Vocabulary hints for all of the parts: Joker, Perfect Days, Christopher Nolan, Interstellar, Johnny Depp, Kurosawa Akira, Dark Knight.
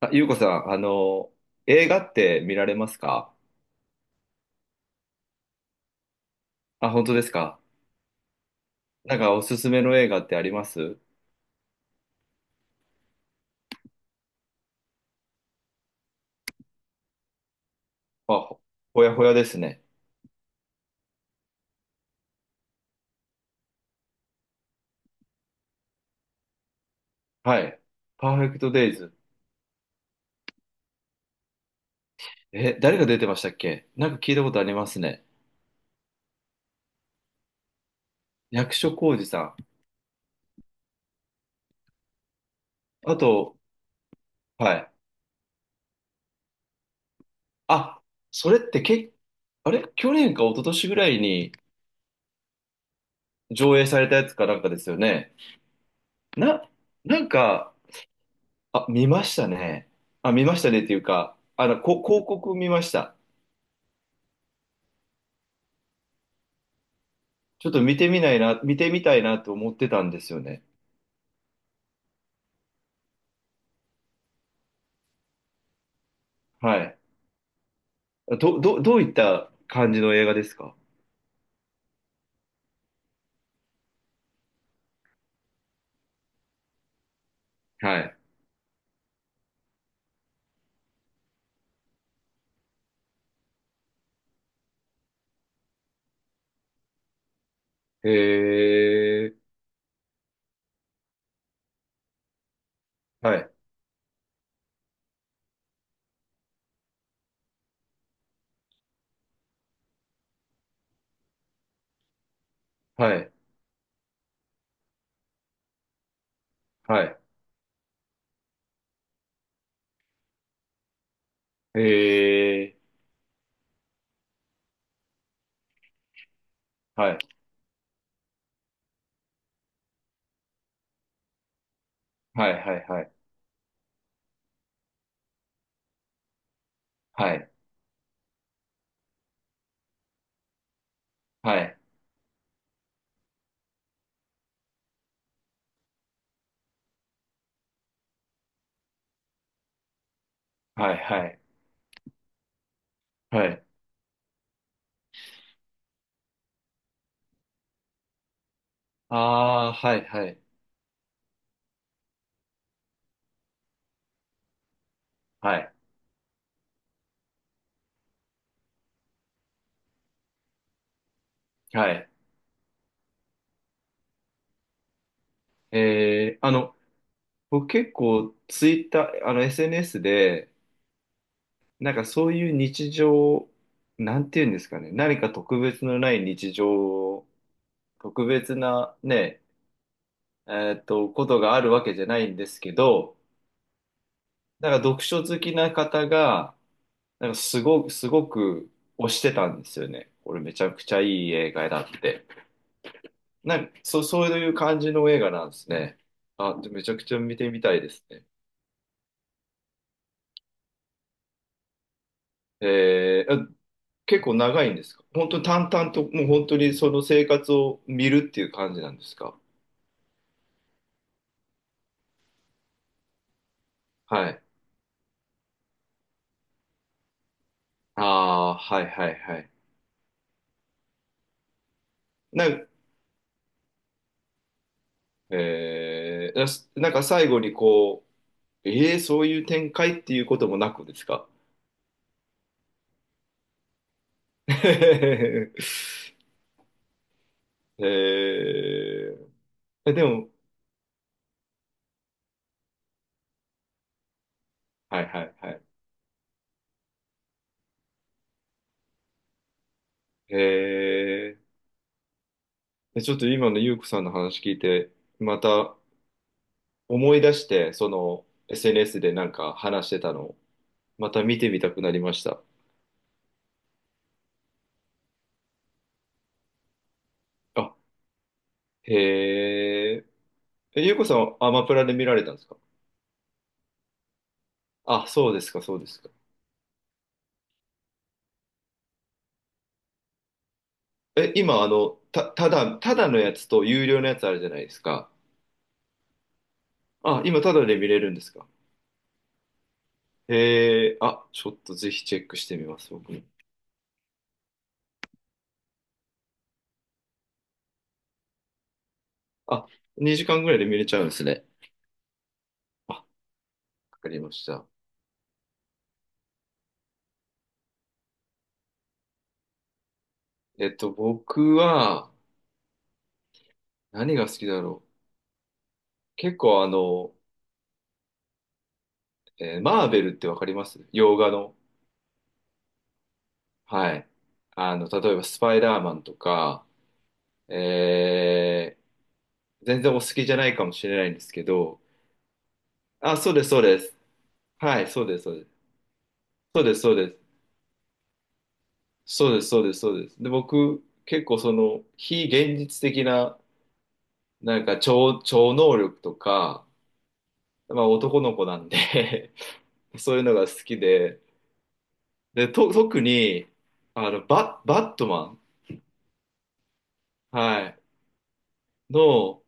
あ、ゆうこさん、映画って見られますか？あ、本当ですか？なんかおすすめの映画ってあります？あ、ほほやほやですね。はい。パーフェクトデイズ。え、誰が出てましたっけ？なんか聞いたことありますね。役所広司さん。あと、はい。あ、それってけ、あれ去年か一昨年ぐらいに上映されたやつかなんかですよね。な、なんか、あ、見ましたね。あ、見ましたねっていうか、広告見ました。ちょっと見てみないな、見てみたいなと思ってたんですよね。はい。どういった感じの映画ですか？はい。へえ、はい、はい、はい。へえ、はい、はい、はい、はい、はい、はい、はい、はい、はい。ああ、はい、はい、はい、はい。えー、あの、僕結構ツイッター、あの SNS で、なんかそういう日常、なんていうんですかね、何か特別のない日常を特別なね、ことがあるわけじゃないんですけど、なんか読書好きな方が、なんかすごく推してたんですよね。これめちゃくちゃいい映画だって。なんか、そう、そういう感じの映画なんですね。あ、でめちゃくちゃ見てみたいですね。えー、あ結構長いんですか？本当に淡々と、もう本当にその生活を見るっていう感じなんですか？はい。ああ、はいはいはい。なん、えー、なんか最後にこう、ええそういう展開っていうこともなくですか？ ええ、えでも、はいはいはい。ええちょっと今のゆうこさんの話聞いて、また思い出して、その SNS でなんか話してたのを、また見てみたくなりました。あ、へえ、えゆうこさんはアマプラで見られたんですか？あ、そうですか、そうですか。え、今、ただのやつと有料のやつあるじゃないですか。あ、今、ただで見れるんですか？へえー、あ、ちょっとぜひチェックしてみます、僕も。あ、2時間ぐらいで見れちゃうんですね。あ、わかりました。えっと、僕は、何が好きだろう。結構あの、えーマーベルってわかります？洋画の。はい。あの、例えばスパイダーマンとか、えー、全然お好きじゃないかもしれないんですけど、あ、そうです、そうです。はい、そうです、そうです。そうです、そうです。そうです、そうです、そうです。で、僕、結構その、非現実的な超能力とか、まあ男の子なんで そういうのが好きで、特に、あの、バットマン、はい、の、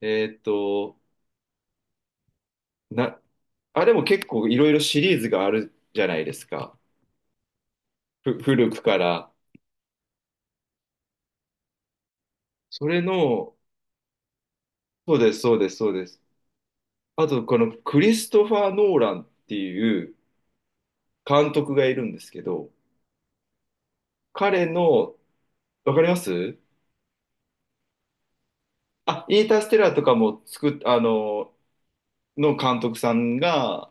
えーっと、な、あれも結構いろいろシリーズがあるじゃないですか。古くから。それの、そうです、そうです、そうです。あと、このクリストファー・ノーランっていう監督がいるんですけど、彼の、わかります？あ、インターステラーとかも作っ、あの、の監督さんが、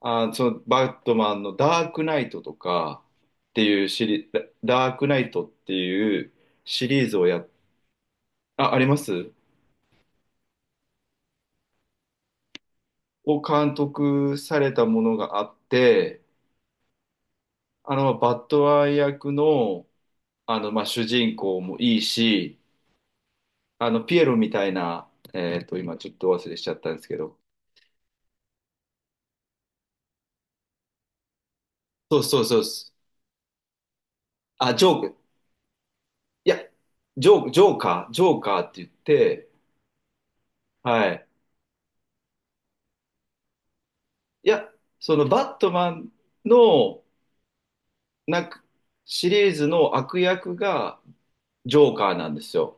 あ、そのバットマンのダークナイトとかっていうシリ、ダダークナイトっていうシリーズをやっ、あ、あります？を監督されたものがあって、あの、バットマン役の、あの、まあ、主人公もいいし、あの、ピエロみたいな、えっと、今ちょっと忘れしちゃったんですけど、そうそうそうです。あ、ジョーク、いや、ジョーカーって言って、はい。いや、そのバットマンのなんかシリーズの悪役がジョーカーなんですよ。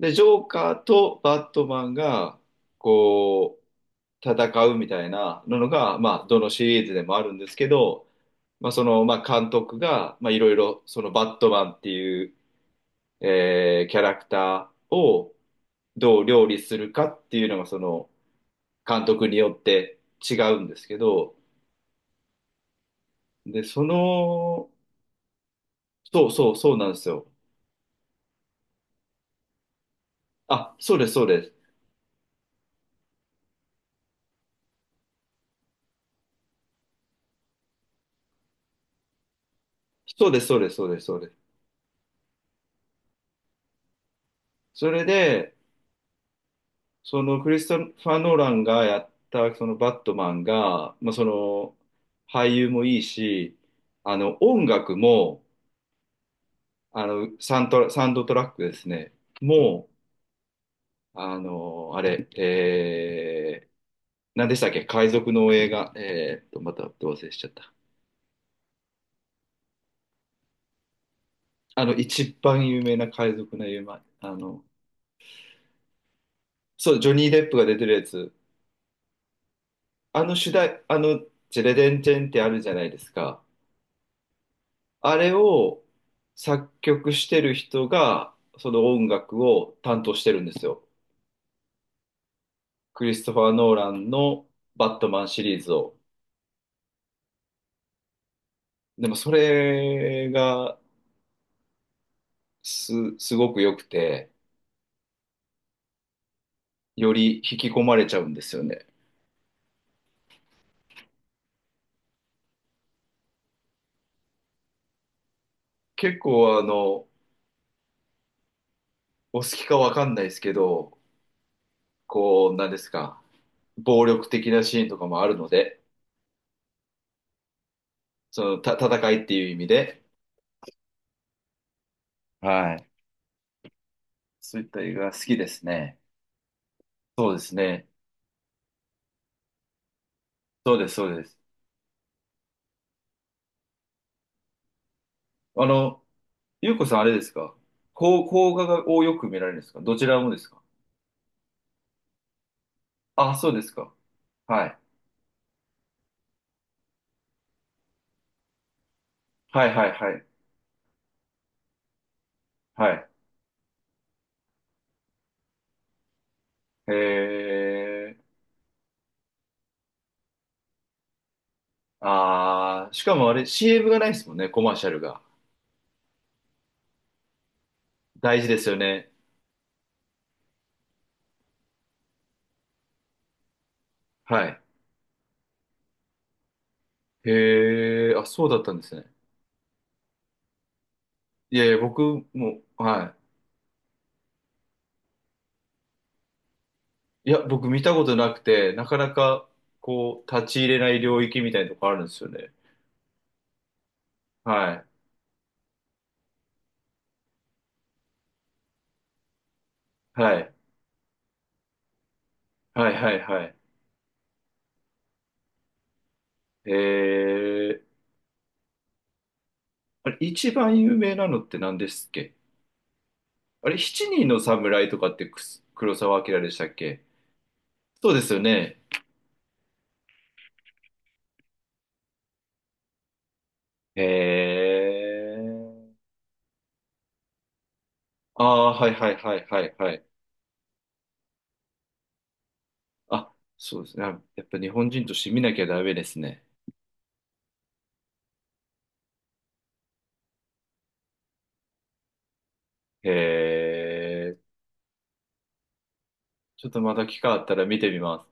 で、ジョーカーとバットマンがこう戦うみたいなのが、まあ、どのシリーズでもあるんですけど、まあ、監督が、まあ、いろいろそのバットマンっていう、えーキャラクターをどう料理するかっていうのがその監督によって違うんですけど、で、その、そうそう、そうなんですよ。あ、そうです、そうです。そうです、そうです、そうです、そうです。それで、そのクリストファー・ノーランがやったそのバットマンが、まあ、その俳優もいいし、あの音楽も、サウンドトラックですね、もう、あの、あれ、えー、何でしたっけ、海賊の映画、えーっと、また忘れしちゃった。あの、一番有名な海賊の映画、あの、そう、ジョニー・デップが出てるやつ。あの主題、あの、ジェレデンチェンってあるじゃないですか。あれを作曲してる人が、その音楽を担当してるんですよ。クリストファー・ノーランのバットマンシリーズを。でもそれがす、すごく良くて、より引き込まれちゃうんですよね。結構あの、お好きかわかんないですけど、こう、なんですか、暴力的なシーンとかもあるので、戦いっていう意味で。はい。そういった映画好きですね。そうですね。そうです、そうです。あの、ゆうこさんあれですか？こう、邦画がをよく見られるんですか？どちらもですか？あ、そうですか。はい。はいはいはい。はい。へえ。あー、しかもあれ CM がないですもんね、コマーシャルが。大事ですよね。はい。へえ、あ、そうだったんですね。いやいや、僕も、はい。いや、僕見たことなくて、なかなか、こう、立ち入れない領域みたいなとこあるんですよね。はい。はい。はいはいはい。えー、あれ、一番有名なのって何ですっけ？あれ、七人の侍とかってくす黒澤明でしたっけ？そうですよね。えー、ああー、はいはいはいはいはい。あ、そうですね。あやっぱ日本人として見なきゃダメですね。えー、ちょっとまた機会あったら見てみます。